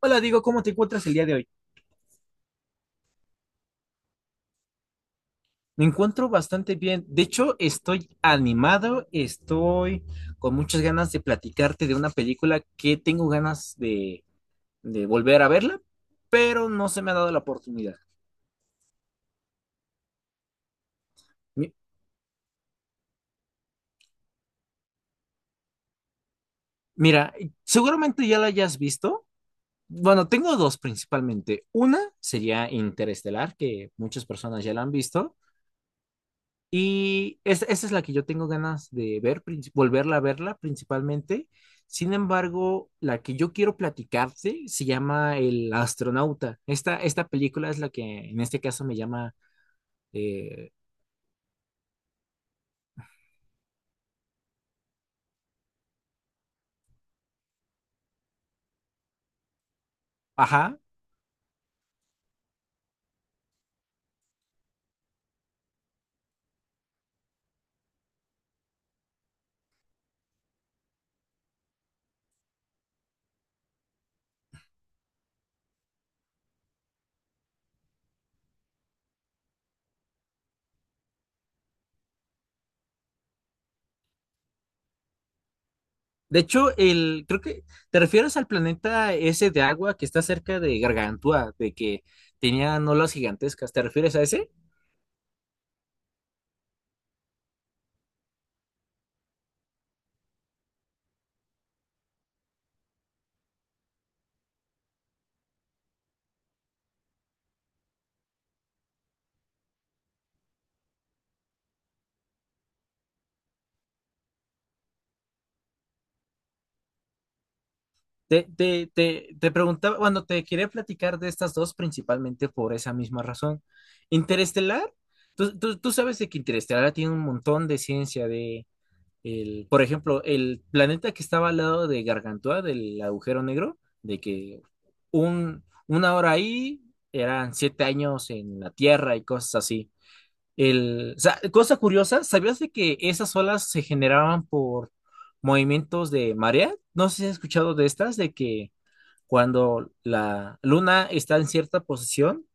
Hola, digo, ¿cómo te encuentras el día de hoy? Me encuentro bastante bien. De hecho, estoy animado, estoy con muchas ganas de platicarte de una película que tengo ganas de volver a verla, pero no se me ha dado la oportunidad. Mi- Mira, seguramente ya la hayas visto. Bueno, tengo dos principalmente. Una sería Interestelar, que muchas personas ya la han visto. Y esa es la que yo tengo ganas de ver, volverla a verla principalmente. Sin embargo, la que yo quiero platicarte se llama El Astronauta. Esta película es la que en este caso me llama. eh, ajá. De hecho, creo que te refieres al planeta ese de agua que está cerca de Gargantúa, de que tenía olas gigantescas. ¿Te refieres a ese? Te preguntaba, bueno, te quería platicar de estas dos principalmente por esa misma razón. Interestelar, tú sabes de que Interestelar tiene un montón de ciencia de, el, por ejemplo, el planeta que estaba al lado de Gargantúa, del agujero negro, de que una hora ahí eran 7 años en la Tierra y cosas así. O sea, cosa curiosa, ¿sabías de que esas olas se generaban por movimientos de marea? No sé si has escuchado de estas, de que cuando la luna está en cierta posición,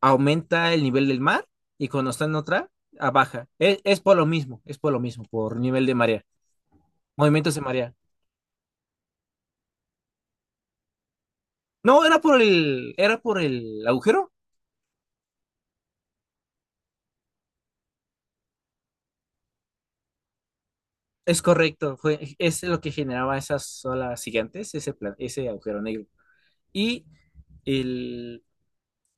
aumenta el nivel del mar y cuando está en otra, a baja. Es por lo mismo, es por lo mismo, por nivel de marea, movimientos de marea. No, era por el agujero. Es correcto, fue, es lo que generaba esas olas gigantes, ese agujero negro. Y el,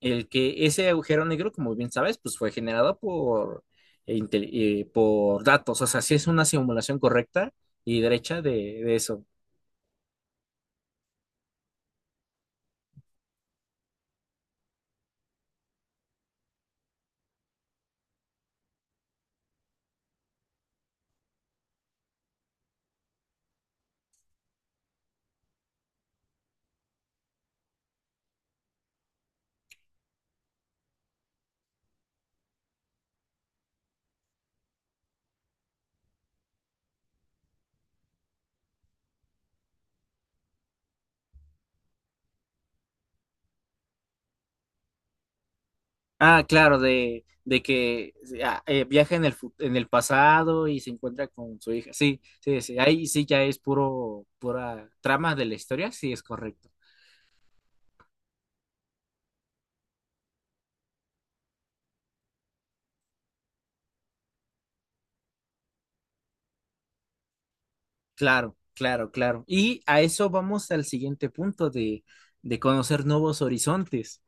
el que ese agujero negro, como bien sabes, pues fue generado por datos. O sea, sí es una simulación correcta y derecha de eso. Ah, claro, de que viaja en el pasado y se encuentra con su hija. Sí, sí, sí, ahí sí ya es puro, pura trama de la historia, sí es correcto. Claro, claro, claro. Y a eso vamos al siguiente punto de conocer nuevos horizontes.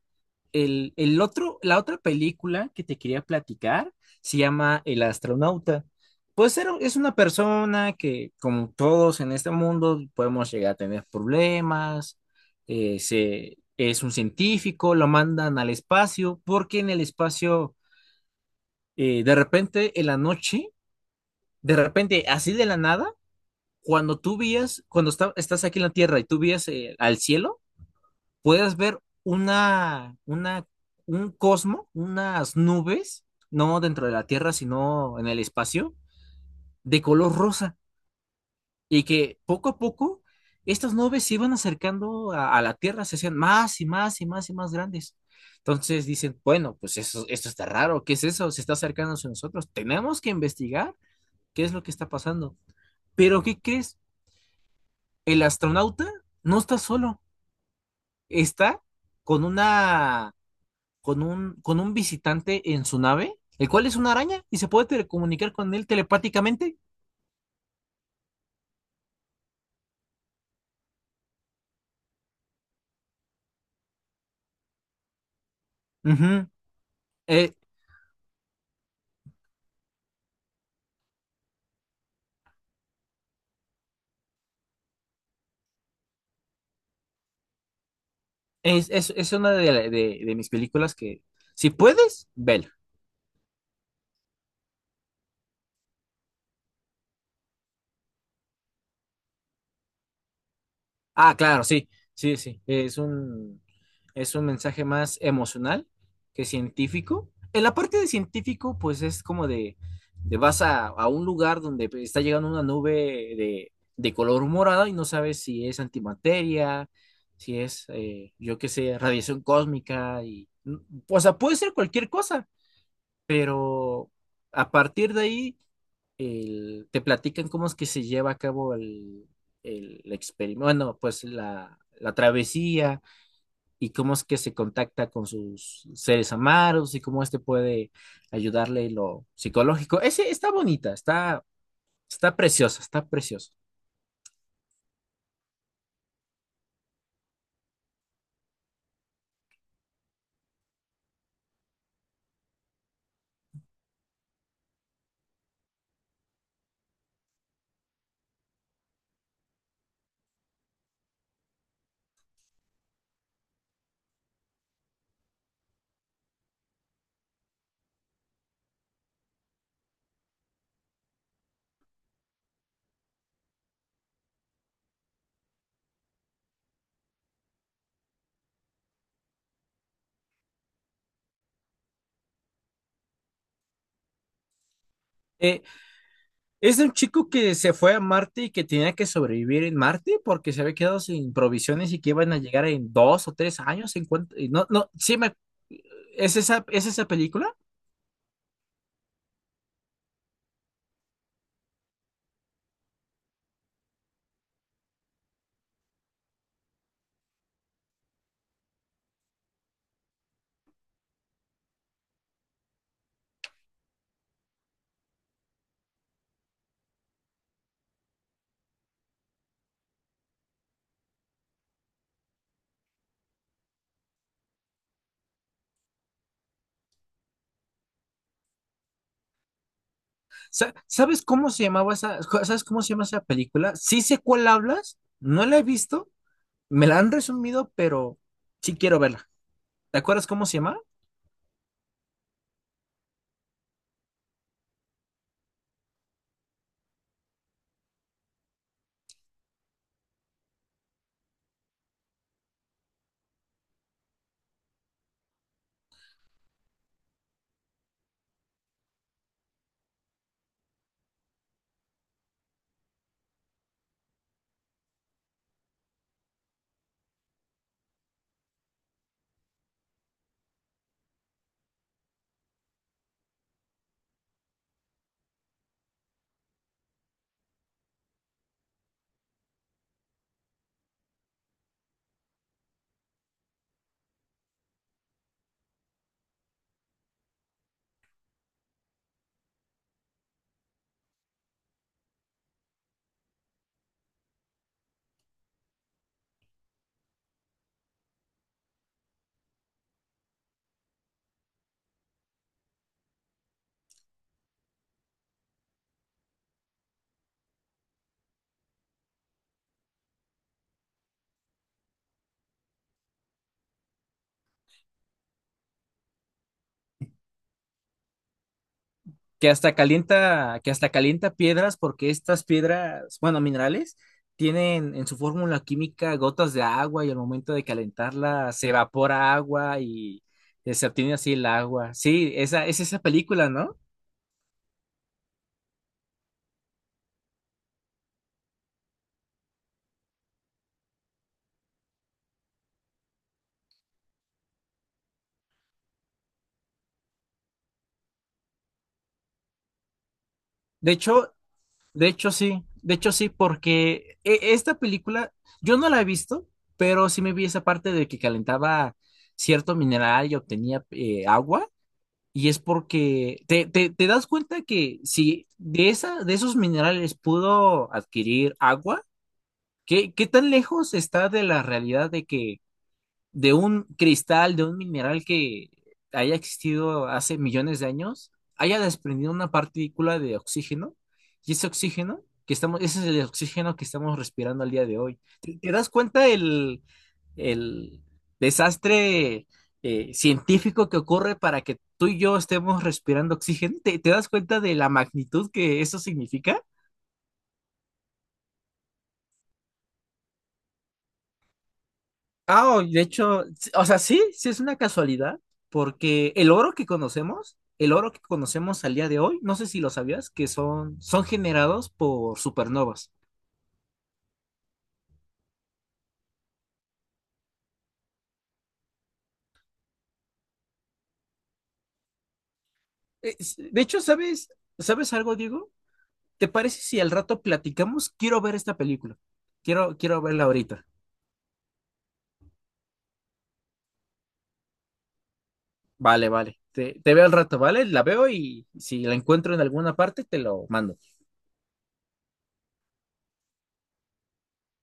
El otro, la otra película que te quería platicar se llama El Astronauta. Pues es una persona que, como todos en este mundo, podemos llegar a tener problemas. Es un científico, lo mandan al espacio, porque en el espacio, de repente, en la noche, de repente, así de la nada, cuando tú vías, cuando estás aquí en la Tierra y tú vías al cielo, puedas ver un cosmo, unas nubes, no dentro de la Tierra, sino en el espacio, de color rosa, y que poco a poco estas nubes se iban acercando a la Tierra, se hacían más y más y más y más grandes. Entonces dicen, bueno, pues eso, esto está raro, ¿qué es eso? Se está acercando a nosotros, tenemos que investigar qué es lo que está pasando. Pero ¿qué crees? El astronauta no está solo, está con una con un visitante en su nave, el cual es una araña y se puede telecomunicar con él telepáticamente. Ujú. Eh, es una de mis películas que, si puedes, vela. Ah, claro, sí, sí, sí. Es un mensaje más emocional que científico. En la parte de científico, pues es como de vas a un lugar donde está llegando una nube de color morado y no sabes si es antimateria, si es, yo qué sé, radiación cósmica y, o sea, puede ser cualquier cosa, pero a partir de ahí te platican cómo es que se lleva a cabo el experimento, bueno, pues la travesía y cómo es que se contacta con sus seres amados y cómo este puede ayudarle en lo psicológico. Ese está bonita, está preciosa, está preciosa. Eh, es de un chico que se fue a Marte y que tenía que sobrevivir en Marte porque se había quedado sin provisiones y que iban a llegar en 2 o 3 años. Y no, no, sí me, ¿es esa película? ¿Sabes cómo se llamaba esa, sabes cómo se llama esa película? Sí sé cuál hablas, no la he visto, me la han resumido, pero sí quiero verla. ¿Te acuerdas cómo se llama? Que hasta calienta piedras porque estas piedras, bueno, minerales, tienen en su fórmula química gotas de agua y al momento de calentarla se evapora agua y se obtiene así el agua. Sí, esa es esa película, ¿no? De hecho, sí, de hecho, sí, porque esta película, yo no la he visto, pero sí me vi esa parte de que calentaba cierto mineral y obtenía agua, y es porque te das cuenta que si de esa, de esos minerales pudo adquirir agua, ¿qué tan lejos está de la realidad de que de un cristal, de un mineral que haya existido hace millones de años, haya desprendido una partícula de oxígeno, y ese oxígeno que estamos, ese es el oxígeno que estamos respirando al día de hoy. ¿Te das cuenta el desastre científico que ocurre para que tú y yo estemos respirando oxígeno? ¿Te das cuenta de la magnitud que eso significa? Ah, de hecho, o sea, sí, sí es una casualidad, porque el oro que conocemos, el oro que conocemos al día de hoy, no sé si lo sabías, que son generados por supernovas. De hecho, ¿sabes, algo, Diego? ¿Te parece si al rato platicamos? Quiero ver esta película. Quiero verla ahorita. Vale, vale. Te veo al rato, ¿vale? La veo y si la encuentro en alguna parte, te lo mando.